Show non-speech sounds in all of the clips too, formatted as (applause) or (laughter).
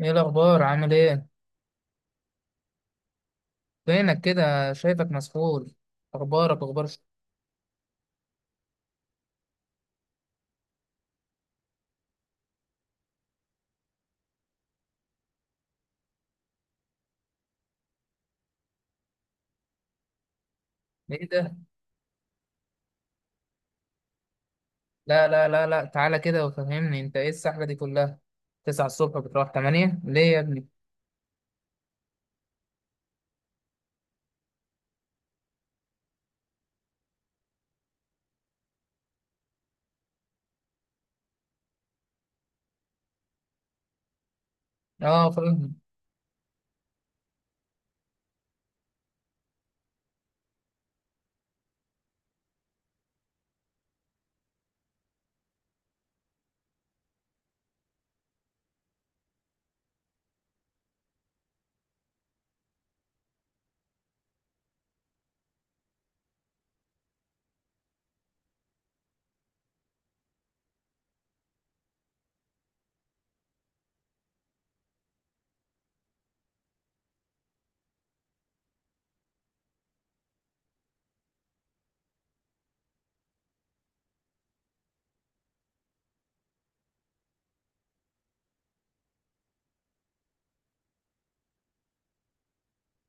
ايه الاخبار؟ عامل ايه؟ فينك كده؟ شايفك مسحول، اخبارك اخبار ايه ده؟ لا لا لا لا، تعالى كده وفهمني، انت ايه السحله دي كلها؟ 9 الصبح بتروح 8 ليه يا ابني؟ اه فاهم.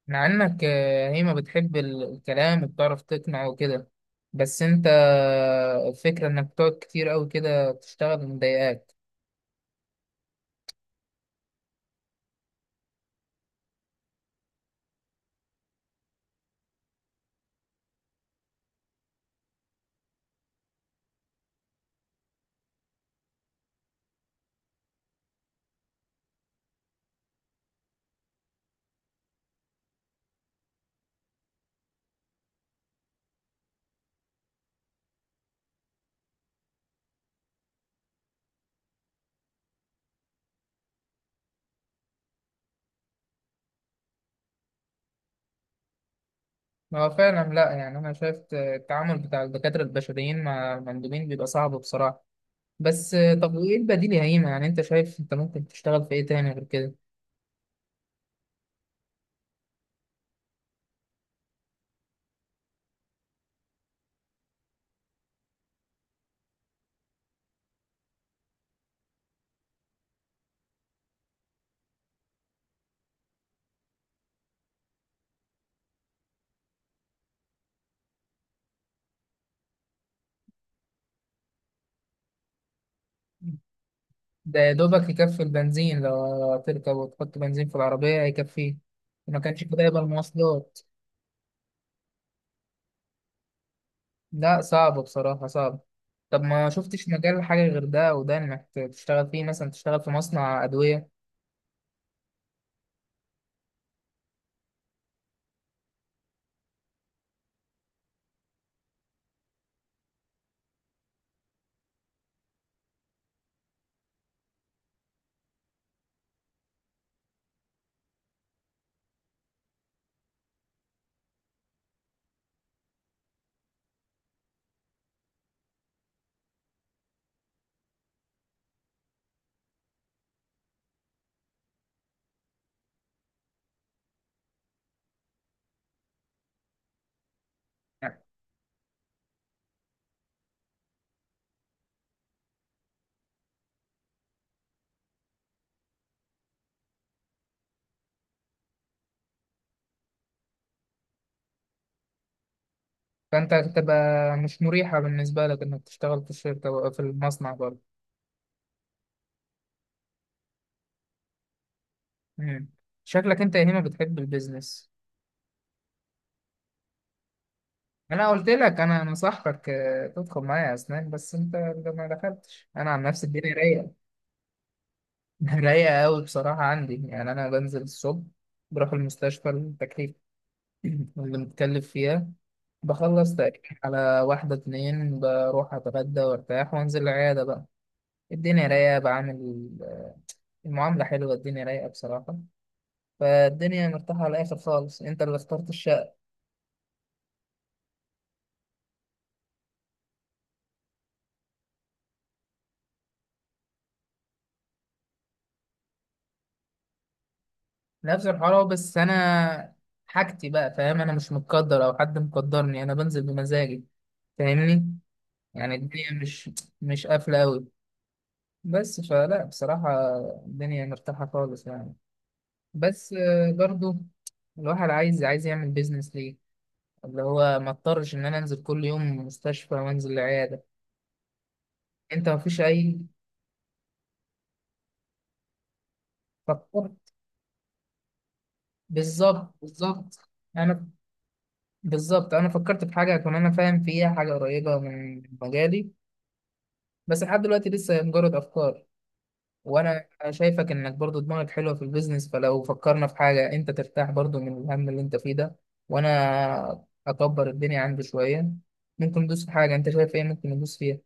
مع انك هي ما بتحب الكلام وبتعرف تقنع وكده. بس انت الفكره انك بتقعد كتير قوي كده تشتغل مضايقاك. هو فعلا لا يعني انا شايف التعامل بتاع الدكاتره البشريين مع المندوبين بيبقى صعب بصراحه. بس طب وايه البديل يا هيما؟ يعني انت شايف انت ممكن تشتغل في ايه تاني غير كده؟ ده يا دوبك يكفي البنزين، لو تركب وتحط بنزين في العربية هيكفيه. ما كانش كده يبقى المواصلات. لا صعب بصراحة، صعب. طب ما شفتش مجال حاجة غير ده وده انك تشتغل فيه، مثلا تشتغل في مصنع أدوية؟ فانت هتبقى مش مريحة بالنسبة لك انك تشتغل في الشركة في المصنع برضه. مم. شكلك انت يا هيما بتحب البيزنس. انا قلت لك انا صاحبك، تدخل معايا اسنان بس انت ده ما دخلتش. انا عن نفسي الدنيا رايقه. (laughs) رايقه قوي بصراحه عندي، يعني انا بنزل الصبح بروح المستشفى التكليف (clears throat) اللي متكلف فيها. بخلص تقريبا على واحدة اتنين، بروح أتغدى وأرتاح وأنزل العيادة بقى. الدنيا رايقة، بعمل المعاملة حلوة، الدنيا رايقة بصراحة. فالدنيا مرتاحة على الآخر خالص، أنت اللي اخترت الشغل. نفس الحوار أهو، بس انا حاجتي بقى، فاهم؟ انا مش متقدر او حد مقدرني، انا بنزل بمزاجي. فاهمني؟ يعني الدنيا مش مش قافله قوي، بس فلا بصراحه الدنيا مرتاحه خالص يعني. بس برضو الواحد عايز عايز يعمل بيزنس، ليه؟ اللي هو ما اضطرش ان انا انزل كل يوم مستشفى وانزل العياده. انت ما فيش اي. فكرت. بالظبط، بالظبط. انا بالظبط انا فكرت في حاجه اكون انا فاهم فيها، حاجه قريبه من مجالي، بس لحد دلوقتي لسه مجرد افكار. وانا شايفك انك برضو دماغك حلوه في البيزنس، فلو فكرنا في حاجه انت ترتاح برضو من الهم اللي انت فيه ده، وانا اكبر الدنيا عندي شويه، ممكن ندوس في حاجه. انت شايف ايه ممكن ندوس فيها؟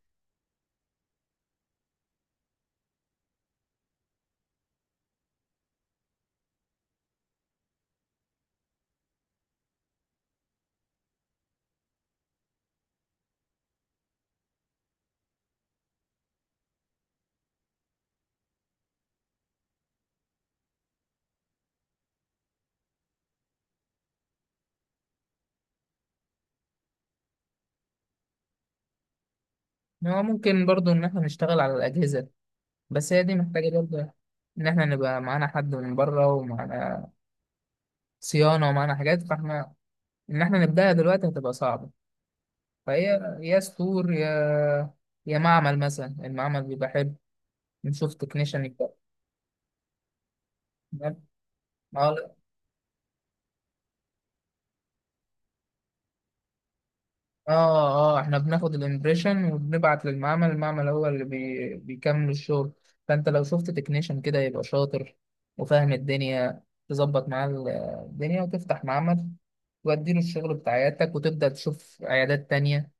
هو ممكن برضو ان احنا نشتغل على الاجهزه، بس هي دي محتاجه برضو ان احنا نبقى معانا حد من بره، ومعانا صيانه ومعانا حاجات. فاحنا ان احنا نبداها دلوقتي هتبقى صعبه. فهي يا ستور يا معمل، مثلا المعمل بيبقى حلو، نشوف تكنيشن. اه اه اه احنا بناخد الامبريشن وبنبعت للمعمل، المعمل هو اللي بيكمل الشغل. فانت لو شفت تكنيشن كده يبقى شاطر وفاهم الدنيا، تظبط معاه الدنيا وتفتح معمل، واديله الشغل بتاع عيادتك وتبدأ تشوف عيادات تانية،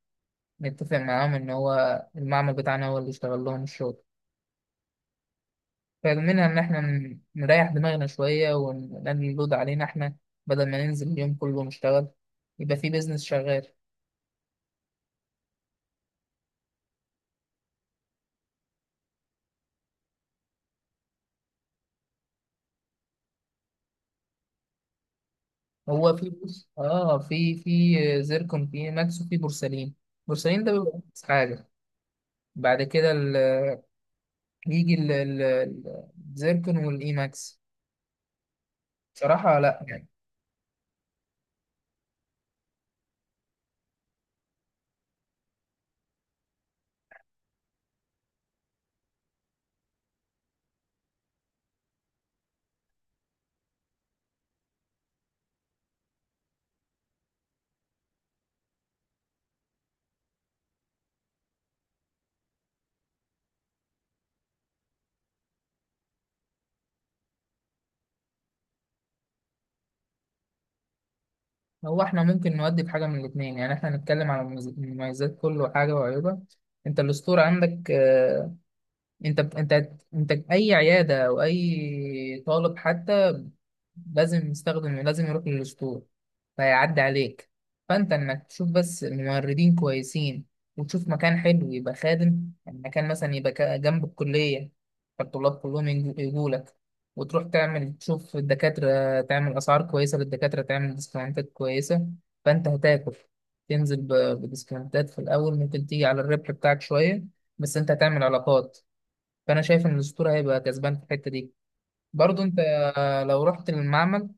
نتفق معاهم ان هو المعمل بتاعنا هو اللي يشتغل لهم الشغل. فمنها ان احنا نريح دماغنا شوية ونقلل اللود علينا احنا، بدل ما ننزل اليوم كله نشتغل، يبقى في بيزنس شغال. هو في، بص اه في زيركون، في ماكس وفي بورسلين. بورسلين ده بيبقى أرخص حاجة. بعد كده يجي الزيركون والإي ماكس. بصراحة لا يعني. هو احنا ممكن نودي بحاجة من الاتنين، يعني احنا هنتكلم على المميزات كله، حاجة وعيوبها. انت الاسطورة عندك، انت اي عياده او اي طالب حتى لازم يستخدم، لازم يروح للاسطول فيعدي عليك. فانت انك تشوف بس ممرضين كويسين، وتشوف مكان حلو يبقى خادم، المكان مثلا يبقى جنب الكليه فالطلاب كلهم يجوا لك. وتروح تعمل، تشوف الدكاتره، تعمل اسعار كويسه للدكاتره، تعمل ديسكاونتات كويسه فانت هتاكل. تنزل بديسكاونتات في الاول ممكن تيجي على الربح بتاعك شويه، بس انت هتعمل علاقات. فانا شايف ان الاسطوره هيبقى كسبان في الحته دي برضو. انت لو رحت للمعمل،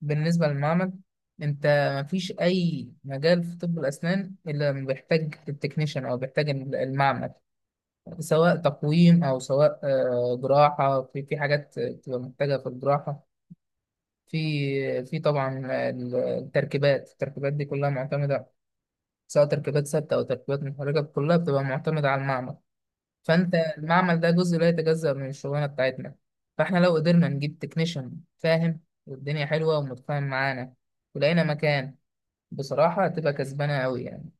بالنسبه للمعمل، انت مفيش اي مجال في طب الاسنان الا لما بيحتاج التكنيشن او بيحتاج المعمل، سواء تقويم او سواء جراحه. في حاجات بتبقى محتاجه في الجراحه. في طبعا التركيبات، التركيبات دي كلها معتمده، سواء تركيبات ثابته او تركيبات محركه كلها بتبقى معتمده على المعمل. فانت المعمل ده جزء لا يتجزأ من الشغلانه بتاعتنا. فاحنا لو قدرنا نجيب تكنيشن فاهم، والدنيا حلوه ومتفاهم معانا ولقينا مكان، بصراحه هتبقى كسبانه قوي يعني.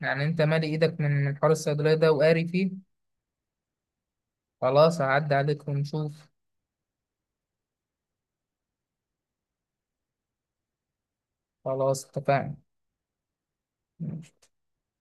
يعني انت مالي ايدك من حوار الصيدليه ده وقاري فيه. خلاص هعدي عليك ونشوف. خلاص اتفقنا.